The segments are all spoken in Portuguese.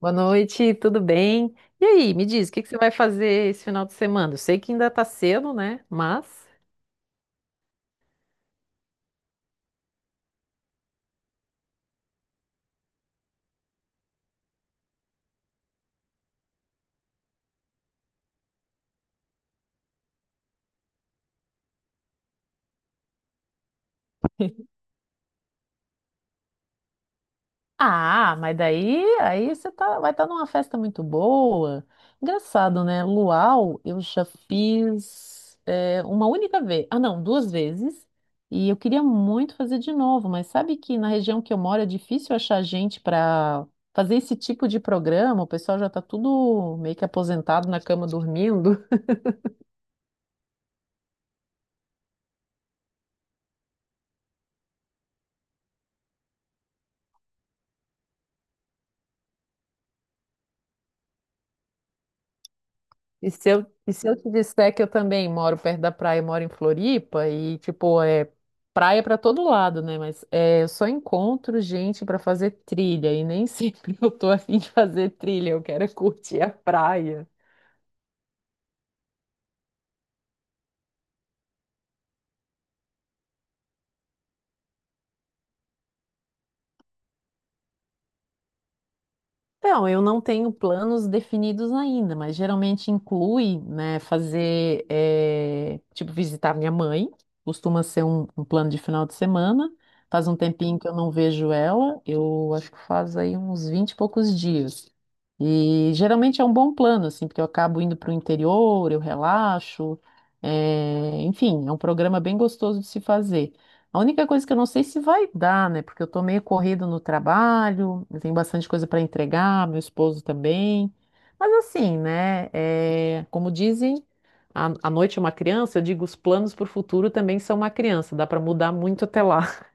Boa noite, tudo bem? E aí, me diz, o que que você vai fazer esse final de semana? Eu sei que ainda tá cedo, né? Mas. Ah, mas daí aí vai estar numa festa muito boa. Engraçado, né? Luau, eu já fiz uma única vez. Ah, não, duas vezes. E eu queria muito fazer de novo, mas sabe que na região que eu moro é difícil achar gente para fazer esse tipo de programa. O pessoal já está tudo meio que aposentado na cama dormindo. E se eu te disser que eu também moro perto da praia, eu moro em Floripa, e tipo, é praia pra todo lado, né? Mas eu só encontro gente pra fazer trilha, e nem sempre eu tô afim de fazer trilha, eu quero é curtir a praia. Então, eu não tenho planos definidos ainda, mas geralmente inclui, né, fazer, tipo, visitar minha mãe, costuma ser um plano de final de semana. Faz um tempinho que eu não vejo ela, eu acho que faz aí uns 20 e poucos dias. E geralmente é um bom plano, assim, porque eu acabo indo para o interior, eu relaxo, enfim, é um programa bem gostoso de se fazer. A única coisa que eu não sei se vai dar, né? Porque eu tô meio corrido no trabalho, eu tenho bastante coisa para entregar, meu esposo também. Mas assim, né? Como dizem, a noite é uma criança, eu digo, os planos para o futuro também são uma criança, dá para mudar muito até lá.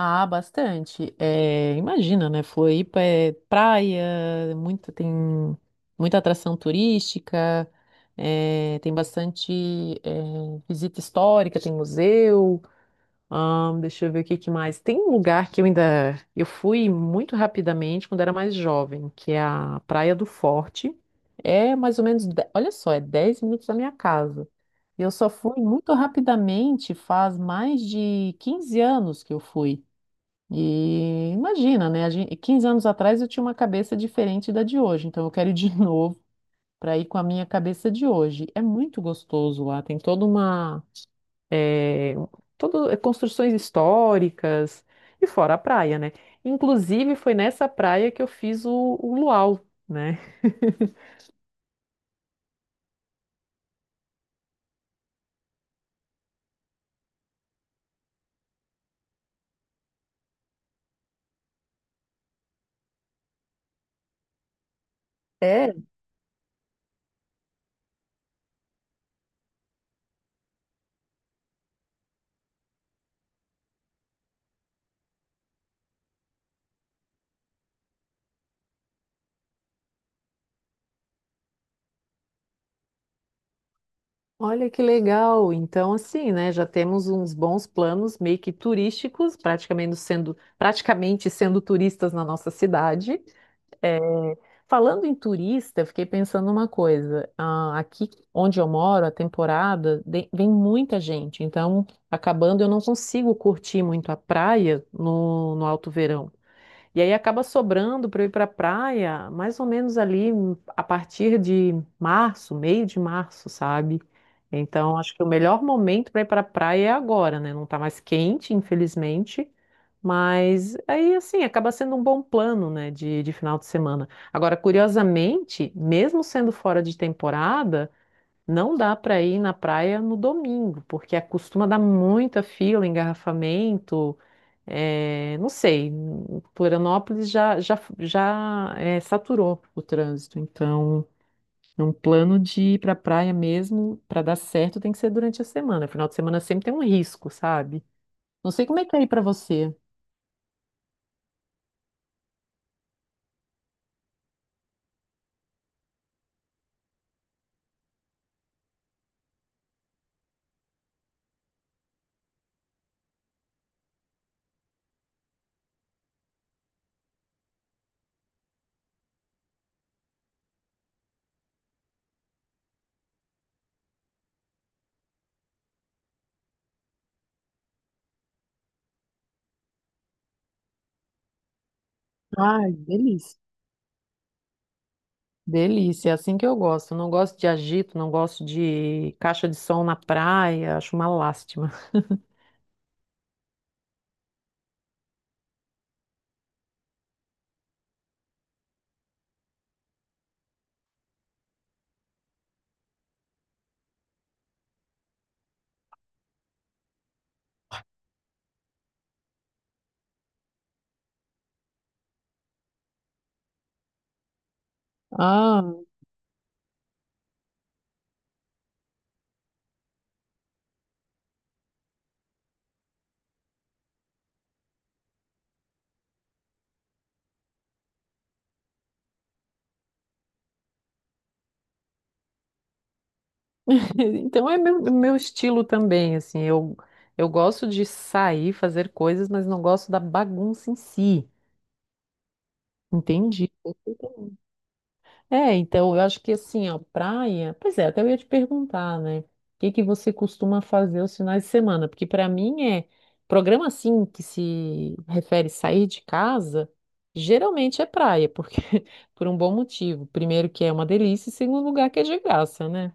Ah, bastante. É, imagina, né? Floripa é praia, muito, tem muita atração turística, tem bastante visita histórica, tem museu. Deixa eu ver o que que mais. Tem um lugar que eu ainda. Eu fui muito rapidamente quando era mais jovem, que é a Praia do Forte. É mais ou menos. Olha só, é 10 minutos da minha casa. E eu só fui muito rapidamente, faz mais de 15 anos que eu fui. E imagina, né? 15 anos atrás eu tinha uma cabeça diferente da de hoje, então eu quero ir de novo para ir com a minha cabeça de hoje. É muito gostoso lá, tem toda é, todo, construções históricas e fora a praia, né? Inclusive foi nessa praia que eu fiz o luau, né? É, olha que legal! Então, assim, né? Já temos uns bons planos meio que turísticos, praticamente sendo turistas na nossa cidade. É, falando em turista, eu fiquei pensando uma coisa. Ah, aqui onde eu moro, a temporada vem muita gente, então acabando eu não consigo curtir muito a praia no alto verão. E aí acaba sobrando para eu ir para a praia, mais ou menos ali a partir de março, meio de março, sabe? Então acho que o melhor momento para ir para a praia é agora, né? Não tá mais quente, infelizmente, mas aí assim acaba sendo um bom plano, né, de final de semana. Agora, curiosamente, mesmo sendo fora de temporada, não dá para ir na praia no domingo, porque costuma dar muita fila, engarrafamento. É, não sei, Florianópolis já saturou o trânsito, então é um plano de ir para a praia mesmo, para dar certo, tem que ser durante a semana. Final de semana sempre tem um risco, sabe? Não sei como é que é aí para você. Ai, delícia. Delícia, é assim que eu gosto. Não gosto de agito, não gosto de caixa de som na praia, acho uma lástima. Ah. Então é meu estilo também, assim, eu gosto de sair, fazer coisas, mas não gosto da bagunça em si, entendi. É, então eu acho que assim, ó, praia, pois é, até eu ia te perguntar, né, o que que você costuma fazer os finais de semana? Porque para mim programa assim, que se refere a sair de casa, geralmente é praia, porque, por um bom motivo, primeiro que é uma delícia e segundo lugar que é de graça, né?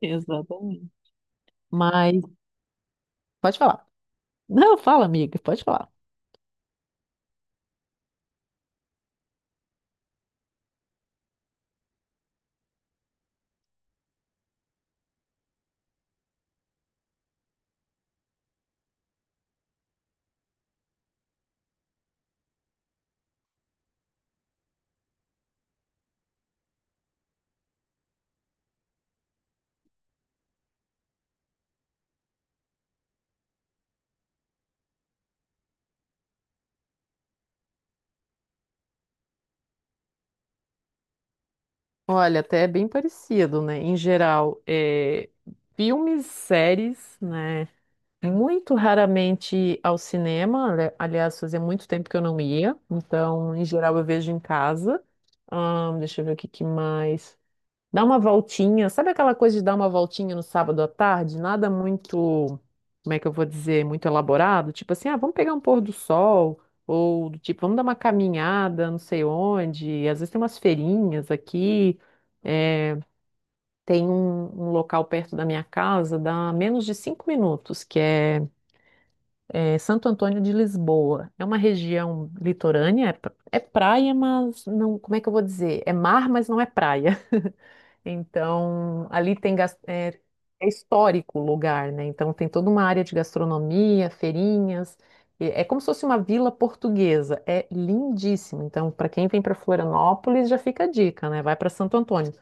Exatamente. Mas, pode falar. Não, fala, amiga, pode falar. Olha, até é bem parecido, né? Em geral, filmes, séries, né? Muito raramente ao cinema. Aliás, fazia muito tempo que eu não ia. Então, em geral, eu vejo em casa. Deixa eu ver o que que mais. Dá uma voltinha. Sabe aquela coisa de dar uma voltinha no sábado à tarde? Nada muito, como é que eu vou dizer, muito elaborado. Tipo assim, ah, vamos pegar um pôr do sol, ou do tipo, vamos dar uma caminhada, não sei onde. Às vezes tem umas feirinhas aqui. Tem um local perto da minha casa, dá menos de 5 minutos, que é Santo Antônio de Lisboa. É uma região litorânea, é praia, mas não, como é que eu vou dizer? É mar, mas não é praia. Então, ali tem é histórico o lugar, né? Então, tem toda uma área de gastronomia, feirinhas. E é como se fosse uma vila portuguesa. É lindíssimo. Então, para quem vem para Florianópolis, já fica a dica, né? Vai para Santo Antônio.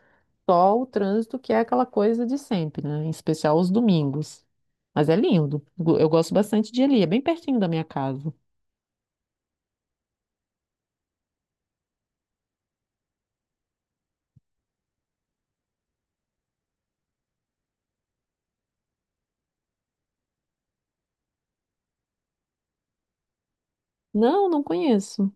Só o trânsito, que é aquela coisa de sempre, né? Em especial os domingos. Mas é lindo. Eu gosto bastante de ir ali. É bem pertinho da minha casa. Não, não conheço.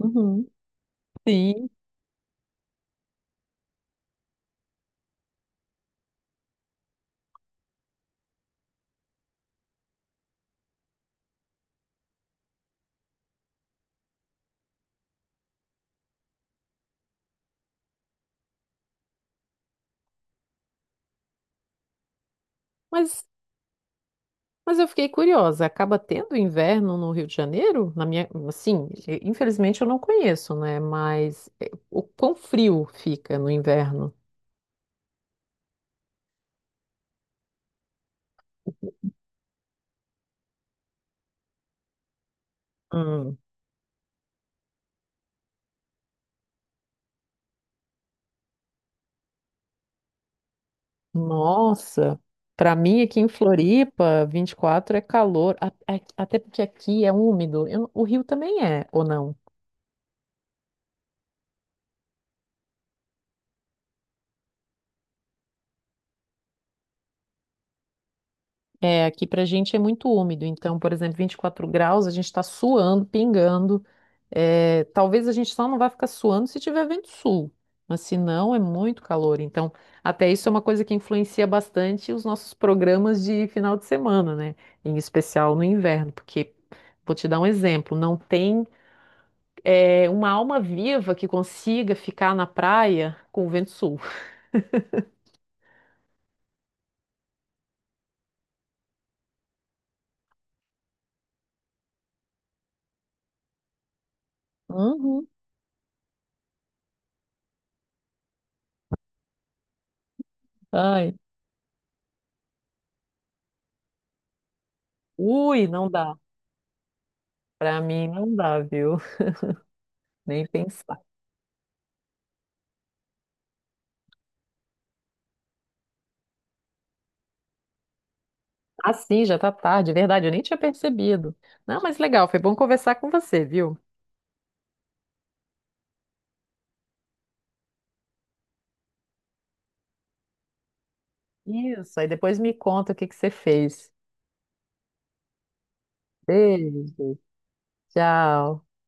Uhum. Sim. Mas Mas eu fiquei curiosa, acaba tendo inverno no Rio de Janeiro? Na minha, assim, infelizmente eu não conheço, né? Mas o quão frio fica no inverno? Hum. Nossa, para mim aqui em Floripa, 24 é calor, até porque aqui é úmido. Eu não- O Rio também é, ou não? É, aqui pra gente é muito úmido, então, por exemplo, 24 graus, a gente está suando, pingando. É, talvez a gente só não vai ficar suando se tiver vento sul, mas se não, é muito calor. Então, até isso é uma coisa que influencia bastante os nossos programas de final de semana, né? Em especial no inverno, porque, vou te dar um exemplo, não tem, uma alma viva que consiga ficar na praia com o vento sul. Uhum. Ai, ui, não dá. Pra mim não dá, viu? Nem pensar. Ah, sim, já tá tarde, verdade, eu nem tinha percebido. Não, mas legal, foi bom conversar com você, viu? Isso, aí depois me conta o que que você fez. Beijo, tchau.